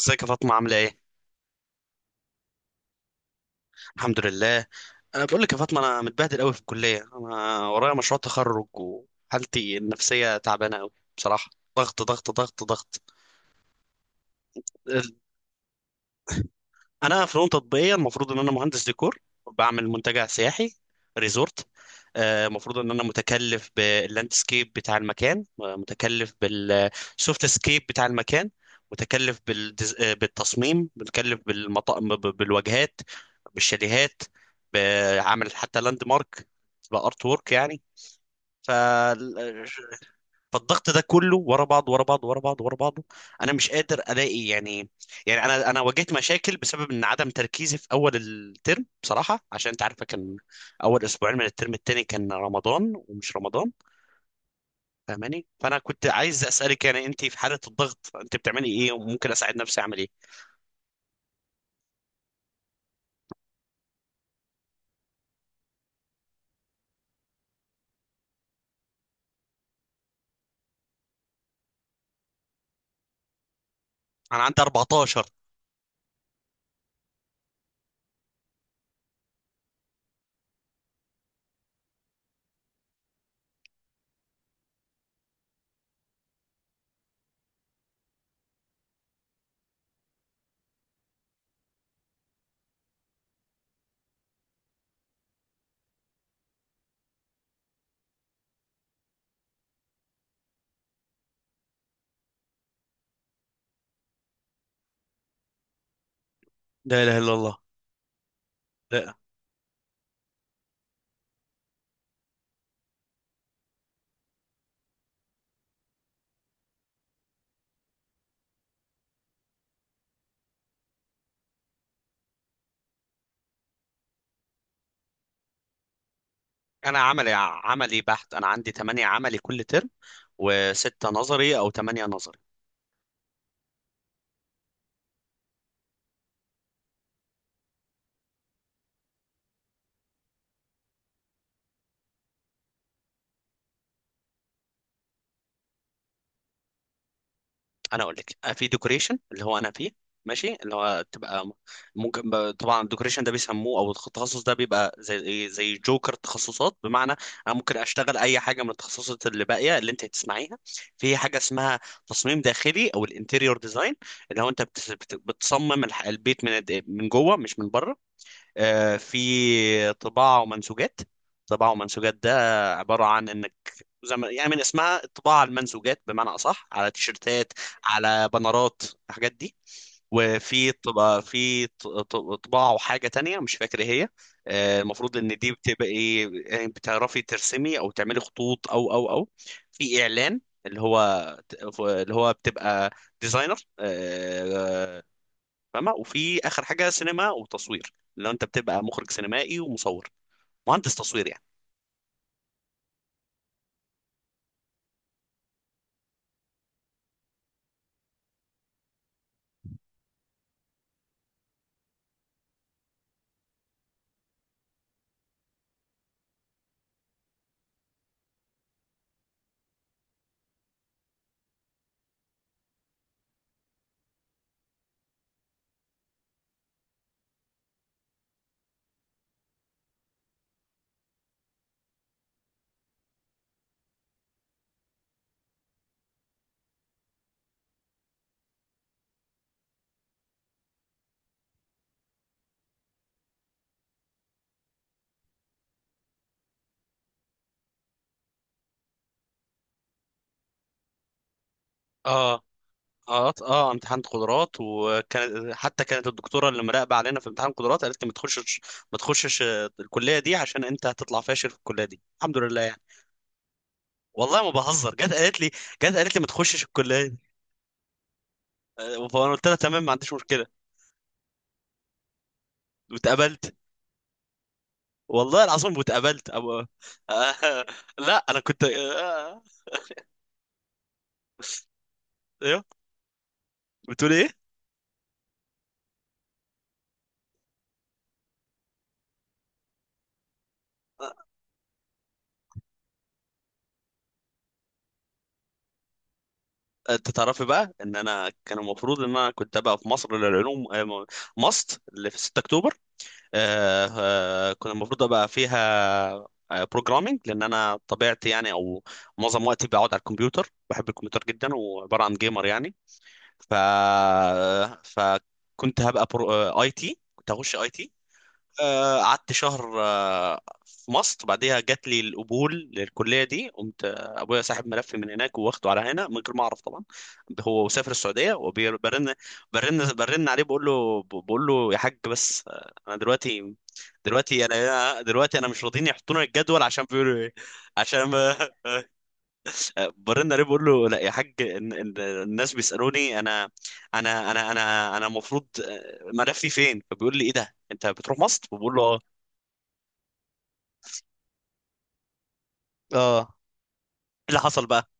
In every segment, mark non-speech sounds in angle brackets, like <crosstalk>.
ازيك يا فاطمة، عاملة ايه؟ الحمد لله. انا بقول لك يا فاطمة، انا متبهدل قوي في الكلية، انا ورايا مشروع تخرج وحالتي النفسية تعبانة قوي، بصراحة. ضغط ضغط ضغط ضغط. انا فنون تطبيقيه، المفروض ان انا مهندس ديكور. بعمل منتجع سياحي، ريزورت. المفروض ان انا متكلف باللاندسكيب بتاع المكان، متكلف بالسوفت سكيب بتاع المكان. متكلف بالدز... آه، بالتصميم، متكلف بالواجهات، بالشاليهات. بعمل حتى لاند مارك، بارت وورك يعني. فالضغط ده كله ورا بعض ورا بعض ورا بعض ورا بعضه. انا مش قادر الاقي يعني. يعني انا واجهت مشاكل بسبب ان عدم تركيزي في اول الترم بصراحه، عشان انت عارفه كان اول اسبوعين من الترم التاني كان رمضان ومش رمضان، فاهماني. فانا كنت عايز اسالك، يعني انت في حاله الضغط انت بتعملي ايه؟ وممكن اساعد نفسي اعمل ايه؟ انا عندي 14. لا اله الا الله. لا، انا عملي، عملي بحت، انا عندي 8 عملي كل ترم، وستة نظري او 8 نظري. انا اقول لك، في ديكوريشن اللي هو انا فيه، ماشي، اللي هو تبقى م- ممكن طبعا الديكوريشن ده بيسموه او التخصص ده بيبقى زي زي جوكر تخصصات، بمعنى انا ممكن اشتغل اي حاجه من التخصصات اللي باقيه اللي انت هتسمعيها. في حاجه اسمها تصميم داخلي او الانتيريور ديزاين، اللي هو انت بتصمم البيت من جوه مش من بره. في طباعة ومنسوجات. طباعة ومنسوجات ده عبارة عن انك زي ما يعني من اسمها الطباعة على المنسوجات، بمعنى اصح على تيشرتات، على بنرات، الحاجات دي. وفي طبعا في طباعة وحاجة تانية مش فاكر ايه هي. المفروض ان دي بتبقى ايه، يعني بتعرفي ترسمي او تعملي خطوط او. في اعلان، اللي هو بتبقى ديزاينر، فاهمة. وفي آخر حاجة سينما وتصوير، اللي هو أنت بتبقى مخرج سينمائي ومصور، مهندس تصوير يعني. اه اه اه، امتحان قدرات وكانت، حتى كانت الدكتوره اللي مراقبه علينا في امتحان قدرات، قالت لي ما تخشش، ما تخشش الكليه دي، عشان انت هتطلع فاشل في الكليه دي، الحمد لله يعني. والله ما بهزر، جت قالت لي ما تخشش الكليه دي. فانا قلت لها تمام، ما عنديش مشكله، واتقبلت. والله العظيم واتقبلت آه <laughs> لا انا كنت آه، آه، ايوه. بتقول ايه؟ انت تعرفي بقى ان انا كان المفروض ان انا كنت ابقى في مصر للعلوم، ماست اللي في 6 اكتوبر. آه، كنت المفروض ابقى فيها بروجرامينج، لان انا طبيعتي يعني، او معظم وقتي بقعد على الكمبيوتر، بحب الكمبيوتر جدا، وعباره عن جيمر يعني. ف آه، فكنت هبقى اي تي، كنت هخش اي تي. قعدت شهر في مصر، بعدها جات لي القبول للكليه دي. قمت ابويا ساحب ملفي من هناك واخده على هنا من غير ما اعرف طبعا. هو سافر السعوديه وبرن برن برن عليه، بقول له يا حاج، بس انا دلوقتي، دلوقتي انا مش راضيين يحطونا الجدول، عشان بيقولوا ايه، عشان ما- <laughs> برن عليه بقول له لا يا حاج، الناس بيسالوني انا المفروض ملفي فين، فبيقول لي ايه ده، انت بتروح مصر؟ بقول له اه. اه، ايه اللي حصل بقى؟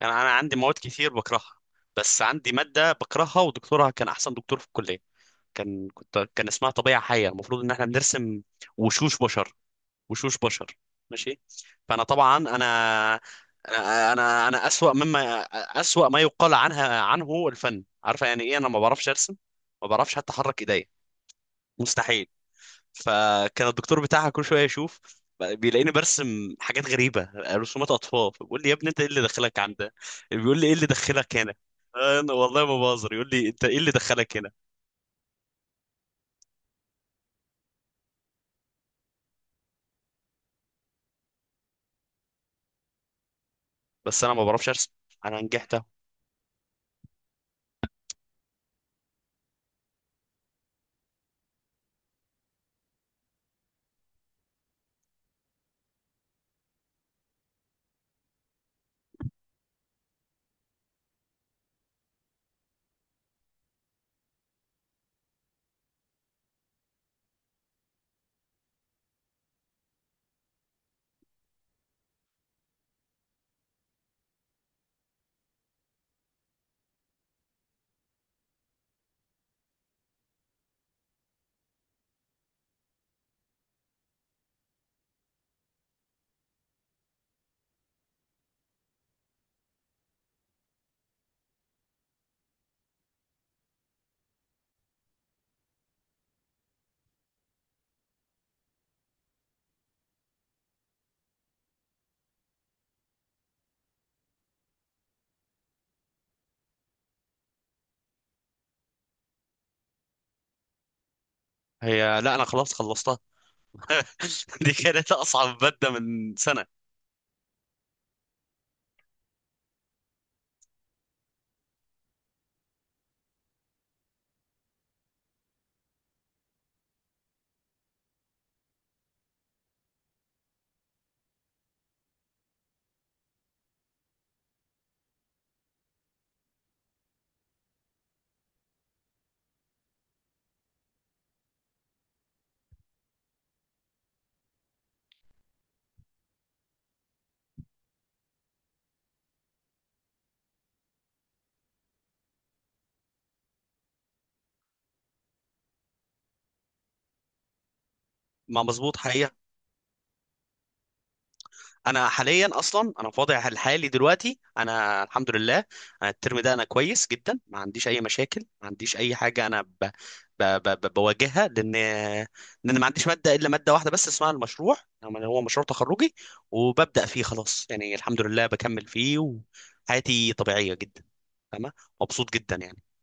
يعني انا عندي مواد كتير بكرهها، بس عندي ماده بكرهها ودكتورها كان احسن دكتور في الكليه، كان اسمها طبيعه حيه، المفروض ان احنا بنرسم وشوش بشر، وشوش بشر، ماشي. فانا طبعا انا انا انا أنا اسوأ ما يقال عنه الفن، عارفه يعني ايه. انا ما بعرفش ارسم، ما بعرفش حتى احرك ايديا، مستحيل. فكان الدكتور بتاعها كل شويه يشوف، بيلاقيني برسم حاجات غريبه، رسومات اطفال، بيقول لي يا ابني انت ايه اللي دخلك عندها، بيقول لي ايه اللي دخلك هنا. انا والله ما بهزر، يقول لي انت ايه اللي دخلك هنا. بس انا ما بعرفش ارسم. انا نجحت أهو. هي لا انا خلاص خلصتها <laughs> دي كانت اصعب ماده من سنه. ما مظبوط حقيقه. انا حاليا اصلا، انا في وضعي الحالي دلوقتي انا الحمد لله، انا الترم ده انا كويس جدا، ما عنديش اي مشاكل، ما عنديش اي حاجه انا بواجهها، لان ما عنديش ماده الا ماده واحده بس اسمها المشروع، يعني هو مشروع تخرجي، وببدا فيه خلاص، يعني الحمد لله بكمل فيه، وحياتي طبيعيه جدا، فاهمه، مبسوط جدا يعني.